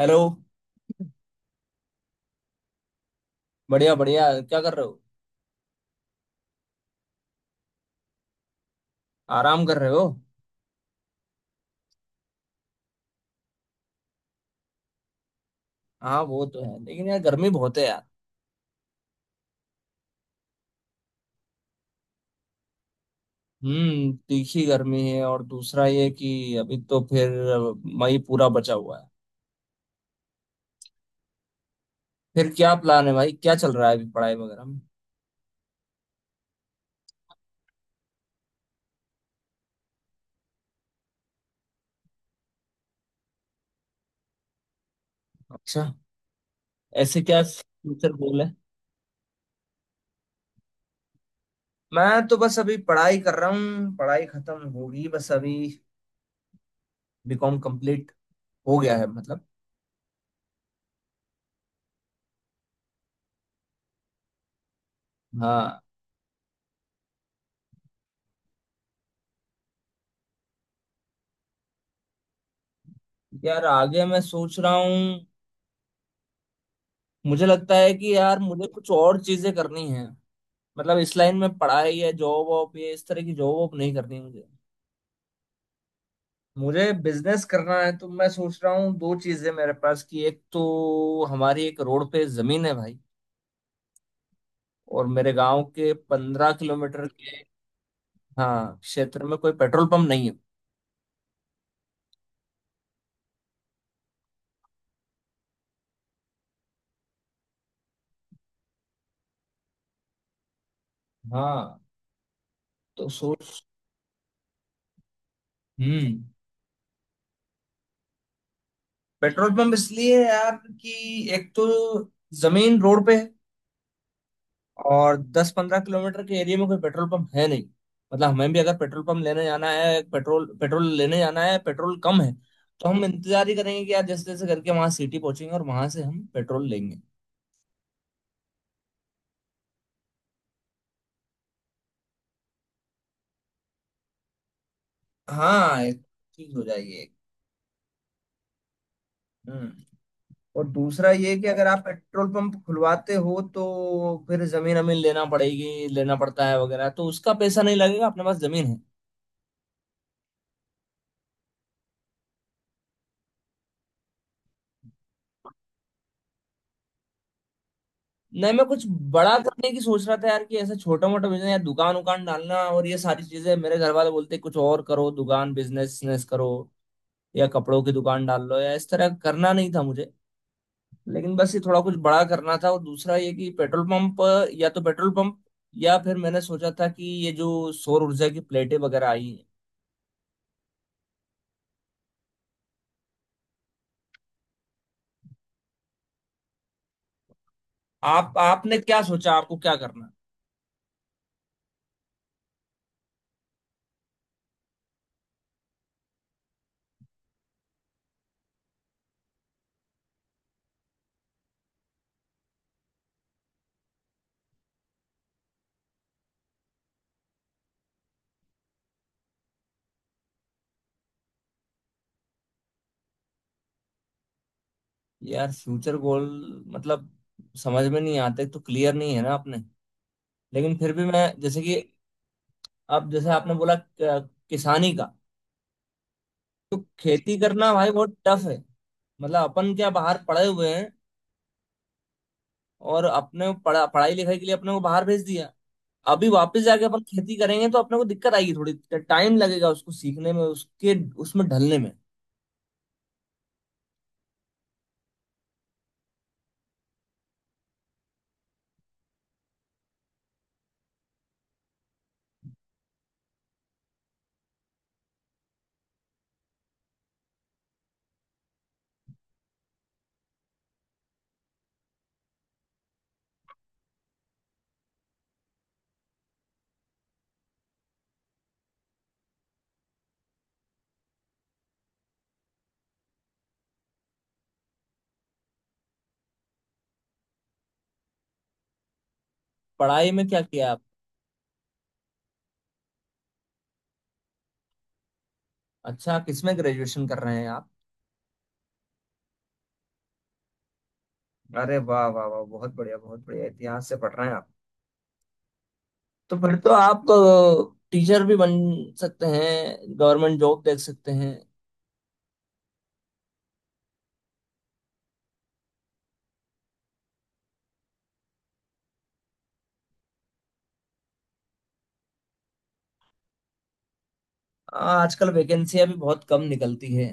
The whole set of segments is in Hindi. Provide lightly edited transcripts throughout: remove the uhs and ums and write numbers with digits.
हेलो। बढ़िया बढ़िया, क्या कर रहे हो? आराम कर रहे हो। हाँ वो तो है, लेकिन यार गर्मी बहुत है यार। हम्म, तीखी गर्मी है। और दूसरा ये कि अभी तो फिर मई पूरा बचा हुआ है। फिर क्या प्लान है भाई? क्या चल रहा है अभी पढ़ाई वगैरह में? अच्छा, ऐसे क्या फ्यूचर गोल है? मैं तो बस अभी पढ़ाई कर रहा हूँ। पढ़ाई खत्म होगी बस अभी। बीकॉम कंप्लीट हो गया है मतलब। हाँ। यार आगे मैं सोच रहा हूँ, मुझे लगता है कि यार मुझे कुछ और चीजें करनी है। मतलब इस लाइन में पढ़ाई है, जॉब वॉब, ये इस तरह की जॉब वॉब नहीं करनी मुझे। मुझे बिजनेस करना है। तो मैं सोच रहा हूँ, दो चीजें मेरे पास कि एक तो हमारी एक रोड पे जमीन है भाई, और मेरे गांव के 15 किलोमीटर के। हाँ, क्षेत्र में कोई पेट्रोल पंप नहीं है। हाँ तो सोच। हम्म। पेट्रोल पंप इसलिए है यार कि एक तो जमीन रोड पे है। और 10 15 किलोमीटर के एरिया में कोई पेट्रोल पंप है नहीं। मतलब हमें भी अगर पेट्रोल पंप लेने जाना है, पेट्रोल पेट्रोल लेने जाना है, पेट्रोल कम है, तो हम इंतजार ही करेंगे कि यार जैसे जैसे करके वहां सिटी पहुंचेंगे और वहां से हम पेट्रोल लेंगे। हाँ, एक चीज हो जाएगी एक। हम्म। और दूसरा ये कि अगर आप पेट्रोल पंप खुलवाते हो तो फिर जमीन अमीन लेना पड़ेगी, लेना पड़ता है वगैरह, तो उसका पैसा नहीं लगेगा, अपने पास जमीन है। नहीं, मैं कुछ बड़ा करने की सोच रहा था यार, कि ऐसा छोटा मोटा बिजनेस या दुकान उकान डालना, और ये सारी चीजें मेरे घर वाले बोलते कुछ और करो, दुकान बिजनेस बिजनेस करो या कपड़ों की दुकान डाल लो, या इस तरह करना नहीं था मुझे। लेकिन बस ये थोड़ा कुछ बड़ा करना था। और दूसरा ये कि पेट्रोल पंप, या तो पेट्रोल पंप या फिर मैंने सोचा था कि ये जो सौर ऊर्जा की प्लेटें वगैरह आई हैं। आप, आपने क्या सोचा? आपको क्या करना है? यार फ्यूचर गोल मतलब समझ में नहीं आते, तो क्लियर नहीं है ना आपने। लेकिन फिर भी मैं, जैसे कि अब जैसे आपने बोला किसानी का, तो खेती करना भाई बहुत टफ है। मतलब अपन क्या बाहर पढ़े हुए हैं, और अपने पढ़ाई लिखाई के लिए अपने को बाहर भेज दिया। अभी वापस जाके अपन खेती करेंगे तो अपने को दिक्कत आएगी, थोड़ी टाइम लगेगा उसको सीखने में, उसके उसमें ढलने में। पढ़ाई में क्या किया आप? अच्छा, किसमें ग्रेजुएशन कर रहे हैं आप? अरे वाह वाह वाह, बहुत बढ़िया बहुत बढ़िया, इतिहास से पढ़ रहे हैं आप। तो फिर तो आप टीचर भी बन सकते हैं, गवर्नमेंट जॉब देख सकते हैं। हाँ, आजकल वैकेंसियां भी बहुत कम निकलती है।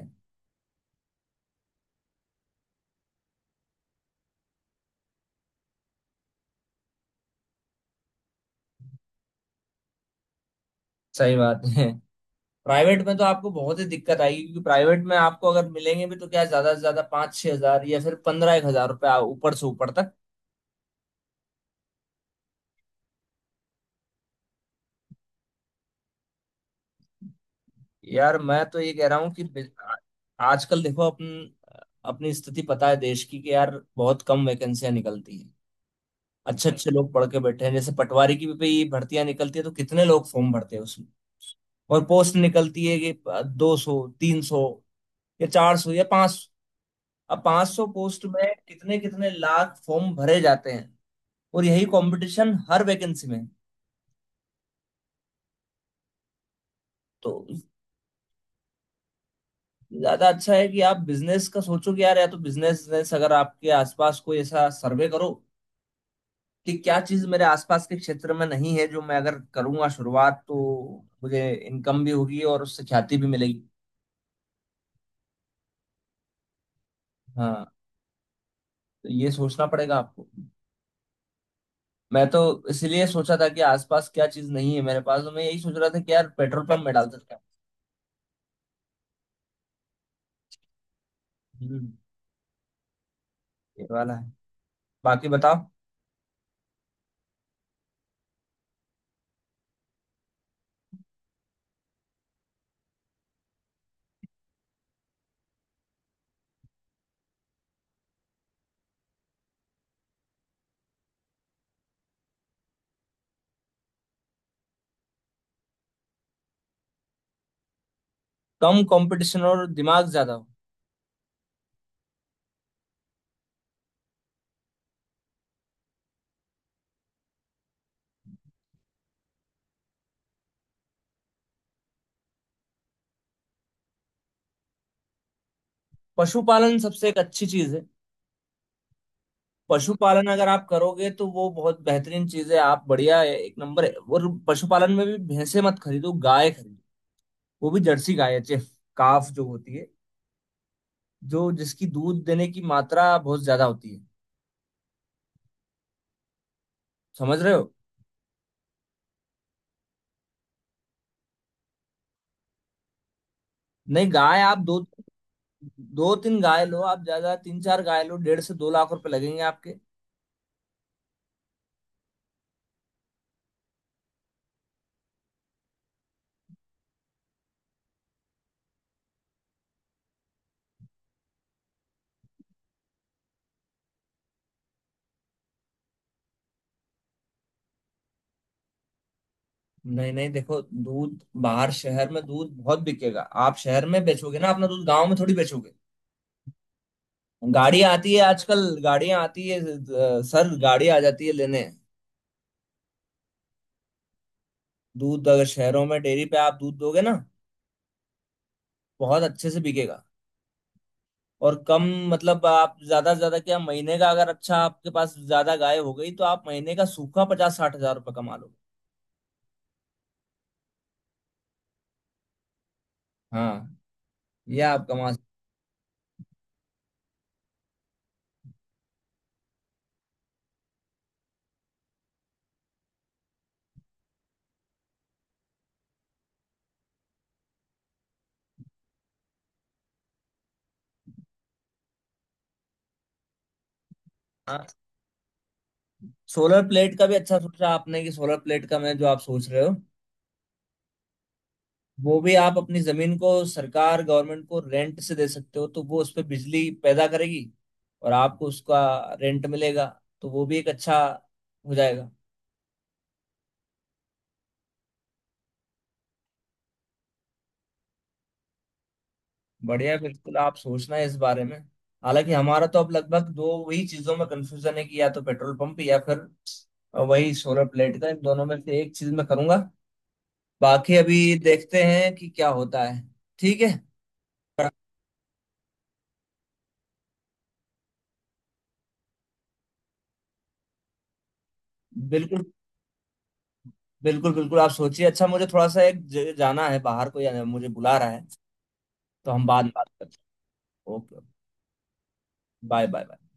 सही बात है। प्राइवेट में तो आपको बहुत ही दिक्कत आएगी, क्योंकि प्राइवेट में आपको अगर मिलेंगे भी तो क्या, ज्यादा से ज्यादा 5 6 हज़ार या फिर 15 एक हज़ार रुपये, ऊपर से ऊपर तक। यार मैं तो ये कह रहा हूँ कि आजकल देखो अपन, अपनी स्थिति पता है देश की कि यार बहुत कम वैकेंसियां निकलती हैं। अच्छे अच्छे लोग पढ़ के बैठे हैं, जैसे पटवारी की भी भर्तियां निकलती है तो कितने लोग फॉर्म भरते हैं उसमें। और पोस्ट निकलती है कि 200 300 या 400 या 500। अब 500 पोस्ट में कितने कितने लाख फॉर्म भरे जाते हैं। और यही कंपटीशन हर वैकेंसी में है। तो ज्यादा अच्छा है कि आप बिजनेस का सोचो कि यार या तो बिजनेस, बिजनेस अगर आपके आसपास, कोई ऐसा सर्वे करो कि क्या चीज मेरे आसपास के क्षेत्र में नहीं है जो मैं अगर करूंगा शुरुआत तो मुझे इनकम भी होगी और उससे ख्याति भी मिलेगी। हाँ तो ये सोचना पड़ेगा आपको। मैं तो इसलिए सोचा था कि आसपास क्या चीज नहीं है मेरे पास, तो मैं यही सोच रहा था कि यार पेट्रोल पंप में डाल सकता हूँ। ये वाला है। बाकी बताओ। कम कंपटीशन और दिमाग ज्यादा हो, पशुपालन सबसे एक अच्छी चीज है। पशुपालन अगर आप करोगे तो वो बहुत बेहतरीन चीज है, आप बढ़िया है, एक नंबर है। और पशुपालन में भी भैंसे मत खरीदो, गाय खरीदो। वो भी जर्सी गाय है, चेफ काफ जो होती है, जो जिसकी दूध देने की मात्रा बहुत ज्यादा होती है। समझ रहे हो? नहीं, गाय आप दो, दो तीन गाय लो, आप ज्यादा तीन चार गाय लो, 1.5 से 2 लाख रुपए लगेंगे आपके। नहीं नहीं देखो, दूध बाहर शहर में दूध बहुत बिकेगा। आप शहर में बेचोगे ना अपना दूध, गांव में थोड़ी बेचोगे। गाड़ियां आती है आजकल, गाड़ियां आती है सर गाड़ी आ जाती है लेने। दूध अगर शहरों में डेयरी पे आप दूध दोगे ना, बहुत अच्छे से बिकेगा। और कम मतलब आप ज्यादा से ज्यादा क्या, महीने का अगर अच्छा आपके पास ज्यादा गाय हो गई तो आप महीने का सूखा 50 60 हज़ार रुपये कमा लोगे। हाँ, ये आप कमा सकते हैं। हाँ, सोलर प्लेट का भी अच्छा सोचा आपने। कि सोलर प्लेट का मैं जो आप सोच रहे हो, वो भी आप अपनी जमीन को सरकार गवर्नमेंट को रेंट से दे सकते हो, तो वो उस पर बिजली पैदा करेगी और आपको उसका रेंट मिलेगा। तो वो भी एक अच्छा हो जाएगा। बढ़िया, बिल्कुल आप सोचना है इस बारे में। हालांकि हमारा तो अब लगभग दो वही चीजों में कंफ्यूजन है कि या तो पेट्रोल पंप या फिर वही सोलर प्लेट का, इन दोनों में से एक चीज मैं करूंगा। बाकी अभी देखते हैं कि क्या होता है। ठीक है। बिल्कुल बिल्कुल बिल्कुल आप सोचिए। अच्छा, मुझे थोड़ा सा एक जाना है बाहर, कोई मुझे बुला रहा है, तो हम बाद में बात करते हैं। ओके। Bye bye bye.